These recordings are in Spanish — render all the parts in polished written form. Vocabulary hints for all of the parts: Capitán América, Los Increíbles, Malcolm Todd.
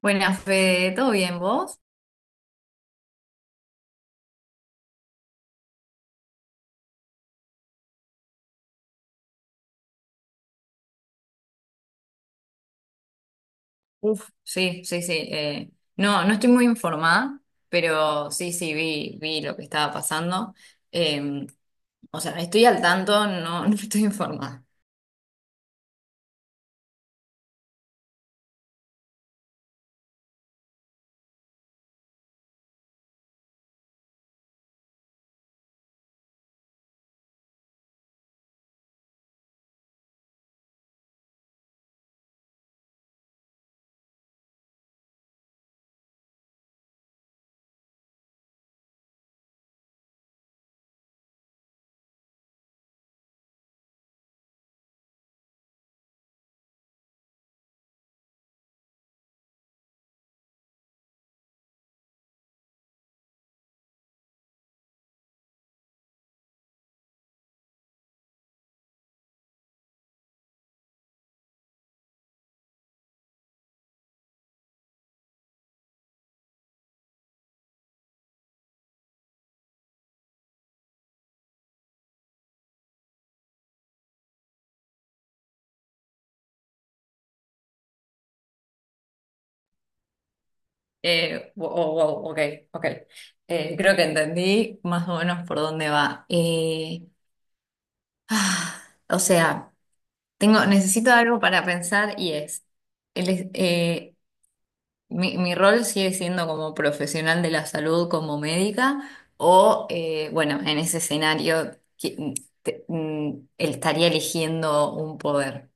Buenas, Fede, ¿todo bien vos? Uf, sí, sí, sí. No, no estoy muy informada, pero sí, sí, vi lo que estaba pasando. Eh, o sea, estoy al tanto, no, no estoy informada. Wow, wow, ok, ok. Creo que entendí más o menos por dónde va. Ah, o sea, necesito algo para pensar y es, el, es- eh, mi rol sigue siendo como profesional de la salud, como médica, o bueno, en ese escenario estaría eligiendo un poder.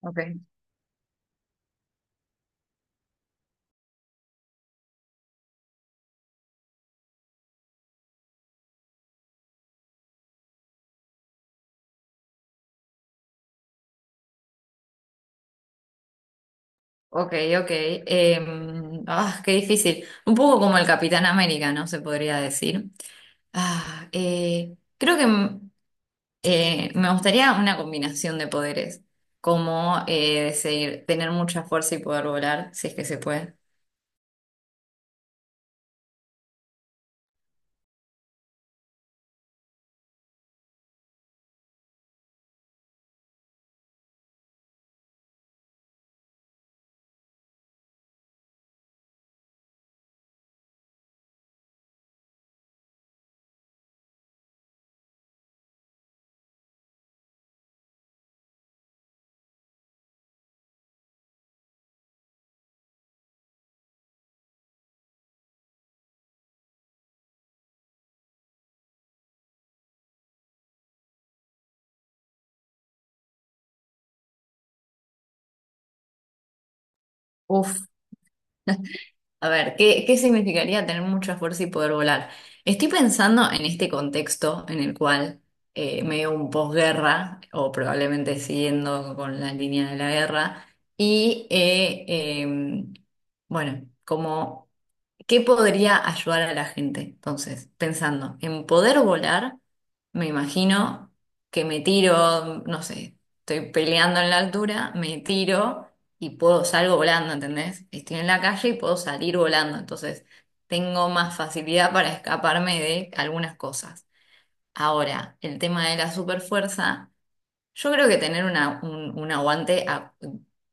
Ok, ok, ok. Qué difícil. Un poco como el Capitán América, ¿no? Se podría decir. Creo que me gustaría una combinación de poderes, como decir, tener mucha fuerza y poder volar, si es que se puede. Uf. A ver, qué significaría tener mucho esfuerzo y poder volar? Estoy pensando en este contexto en el cual medio un posguerra, o probablemente siguiendo con la línea de la guerra, y em, bueno, como ¿qué podría ayudar a la gente? Entonces, pensando en poder volar, me imagino que me tiro, no sé, estoy peleando en la altura, me tiro y puedo salgo volando, ¿entendés? Estoy en la calle y puedo salir volando, entonces tengo más facilidad para escaparme de algunas cosas. Ahora, el tema de la superfuerza. Yo creo que tener un aguante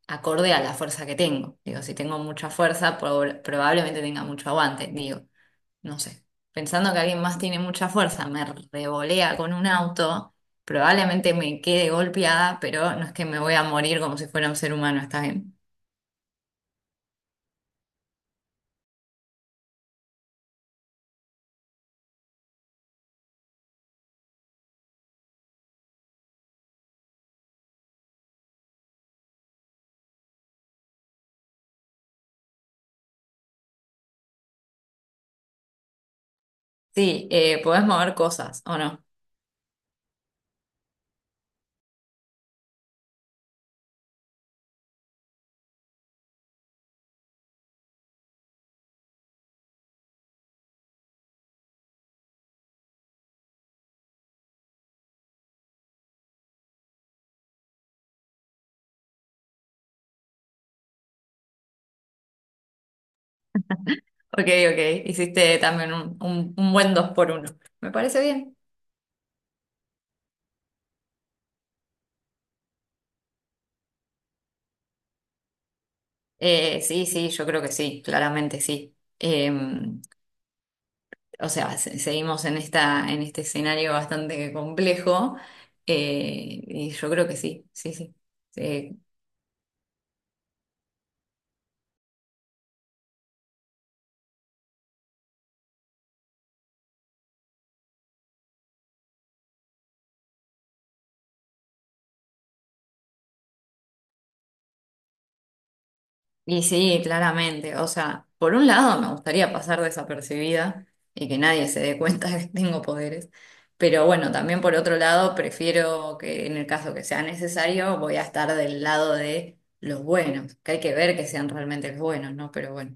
acorde a la fuerza que tengo. Digo, si tengo mucha fuerza, probablemente tenga mucho aguante. Digo, no sé. Pensando que alguien más tiene mucha fuerza, me revolea con un auto, probablemente me quede golpeada, pero no es que me voy a morir como si fuera un ser humano, ¿está bien? Sí, podés mover cosas, ¿o no? Ok, ok, hiciste también un buen dos por uno. Me parece bien. Sí, sí, yo creo que sí, claramente sí. O sea, seguimos en en este escenario bastante complejo, y yo creo que sí, sí, sí. Sí, y sí, claramente. O sea, por un lado me gustaría pasar desapercibida y que nadie se dé cuenta que tengo poderes, pero bueno, también por otro lado prefiero que en el caso que sea necesario voy a estar del lado de los buenos, que hay que ver que sean realmente los buenos, ¿no? Pero bueno.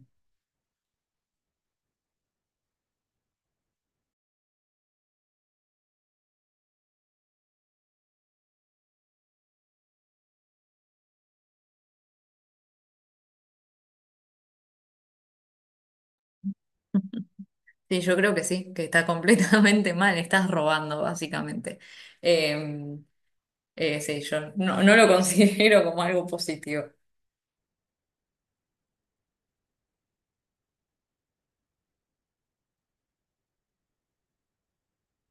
Sí, yo creo que sí, que está completamente mal, estás robando básicamente. Eh, sí, yo no, no lo considero como algo positivo.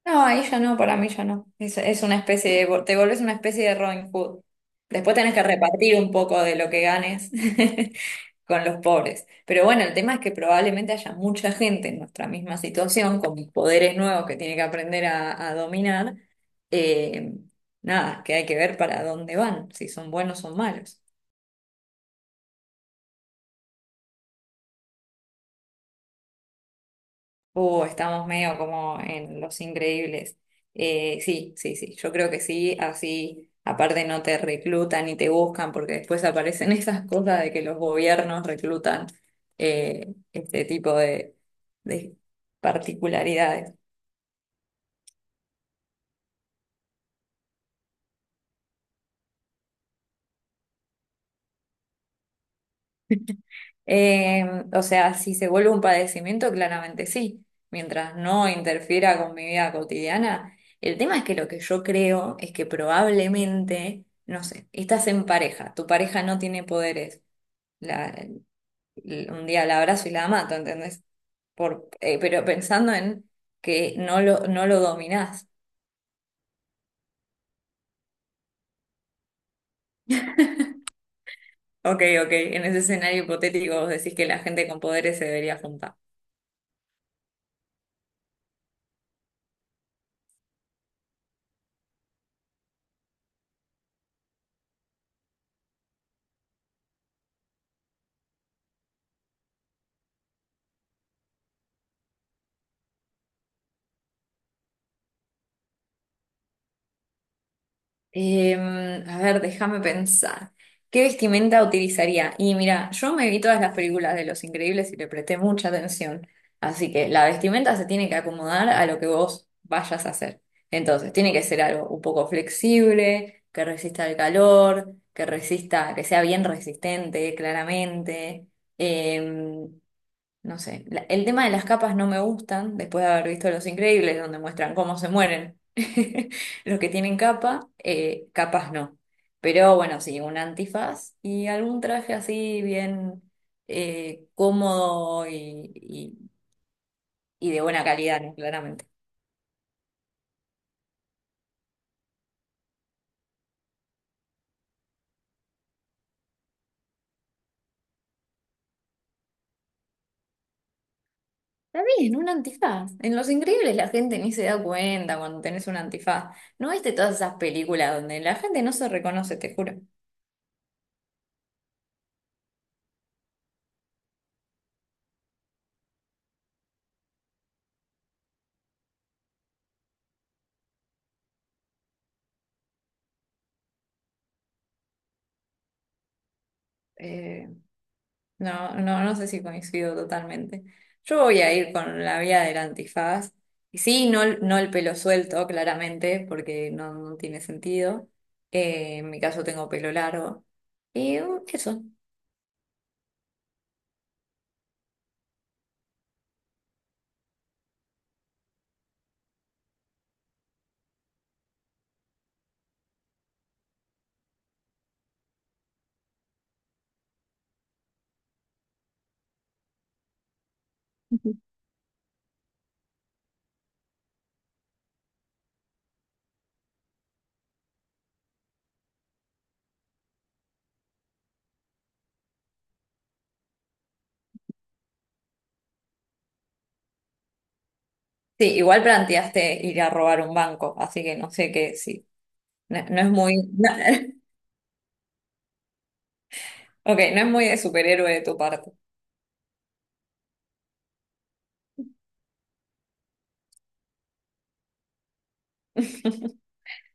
No, ahí ya no, para mí ya no. Es una especie de, te volvés una especie de Robin Hood. Después tenés que repartir un poco de lo que ganes con los pobres. Pero bueno, el tema es que probablemente haya mucha gente en nuestra misma situación, con poderes nuevos que tiene que aprender a dominar. Eh, Nada, que hay que ver para dónde van, si son buenos o malos. Estamos medio como en Los Increíbles. Sí, sí, sí, yo creo que sí, así aparte no te reclutan y te buscan porque después aparecen esas cosas de que los gobiernos reclutan este tipo de particularidades. Eh, o sea, si se vuelve un padecimiento, claramente sí, mientras no interfiera con mi vida cotidiana. El tema es que lo que yo creo es que probablemente, no sé, estás en pareja, tu pareja no tiene poderes. la- un día la abrazo y la mato, ¿entendés? Por, pero pensando en que no lo dominás. Ok, ok, en ese escenario hipotético vos decís que la gente con poderes se debería juntar. Em, a ver, déjame pensar. ¿Qué vestimenta utilizaría? Y mira, yo me vi todas las películas de Los Increíbles y le presté mucha atención. Así que la vestimenta se tiene que acomodar a lo que vos vayas a hacer. Entonces, tiene que ser algo un poco flexible, que resista el calor, que resista, que sea bien resistente, claramente. Em, no sé, el tema de las capas no me gustan, después de haber visto Los Increíbles, donde muestran cómo se mueren los que tienen capa, capas no. Pero bueno, sí, un antifaz y algún traje así bien cómodo y de buena calidad, ¿no? Claramente. Está bien, un antifaz. En Los Increíbles la gente ni se da cuenta cuando tenés un antifaz. ¿No viste todas esas películas donde la gente no se reconoce, te juro? Eh, No, no, no sé si coincido totalmente. Yo voy a ir con la vía del antifaz. Y sí, no, no el pelo suelto, claramente, porque no, no tiene sentido. En mi caso tengo pelo largo. Y eso. Ujú. Sí, igual planteaste ir a robar un banco, así que no sé qué, sí. No, no es muy. Ok, no es muy de superhéroe de tu parte.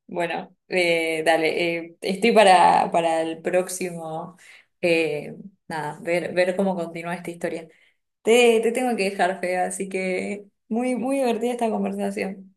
Bueno, dale, estoy para el próximo. eh, Nada, ver, ver cómo continúa esta historia. Te tengo que dejar, Fea, así que muy, muy divertida esta conversación.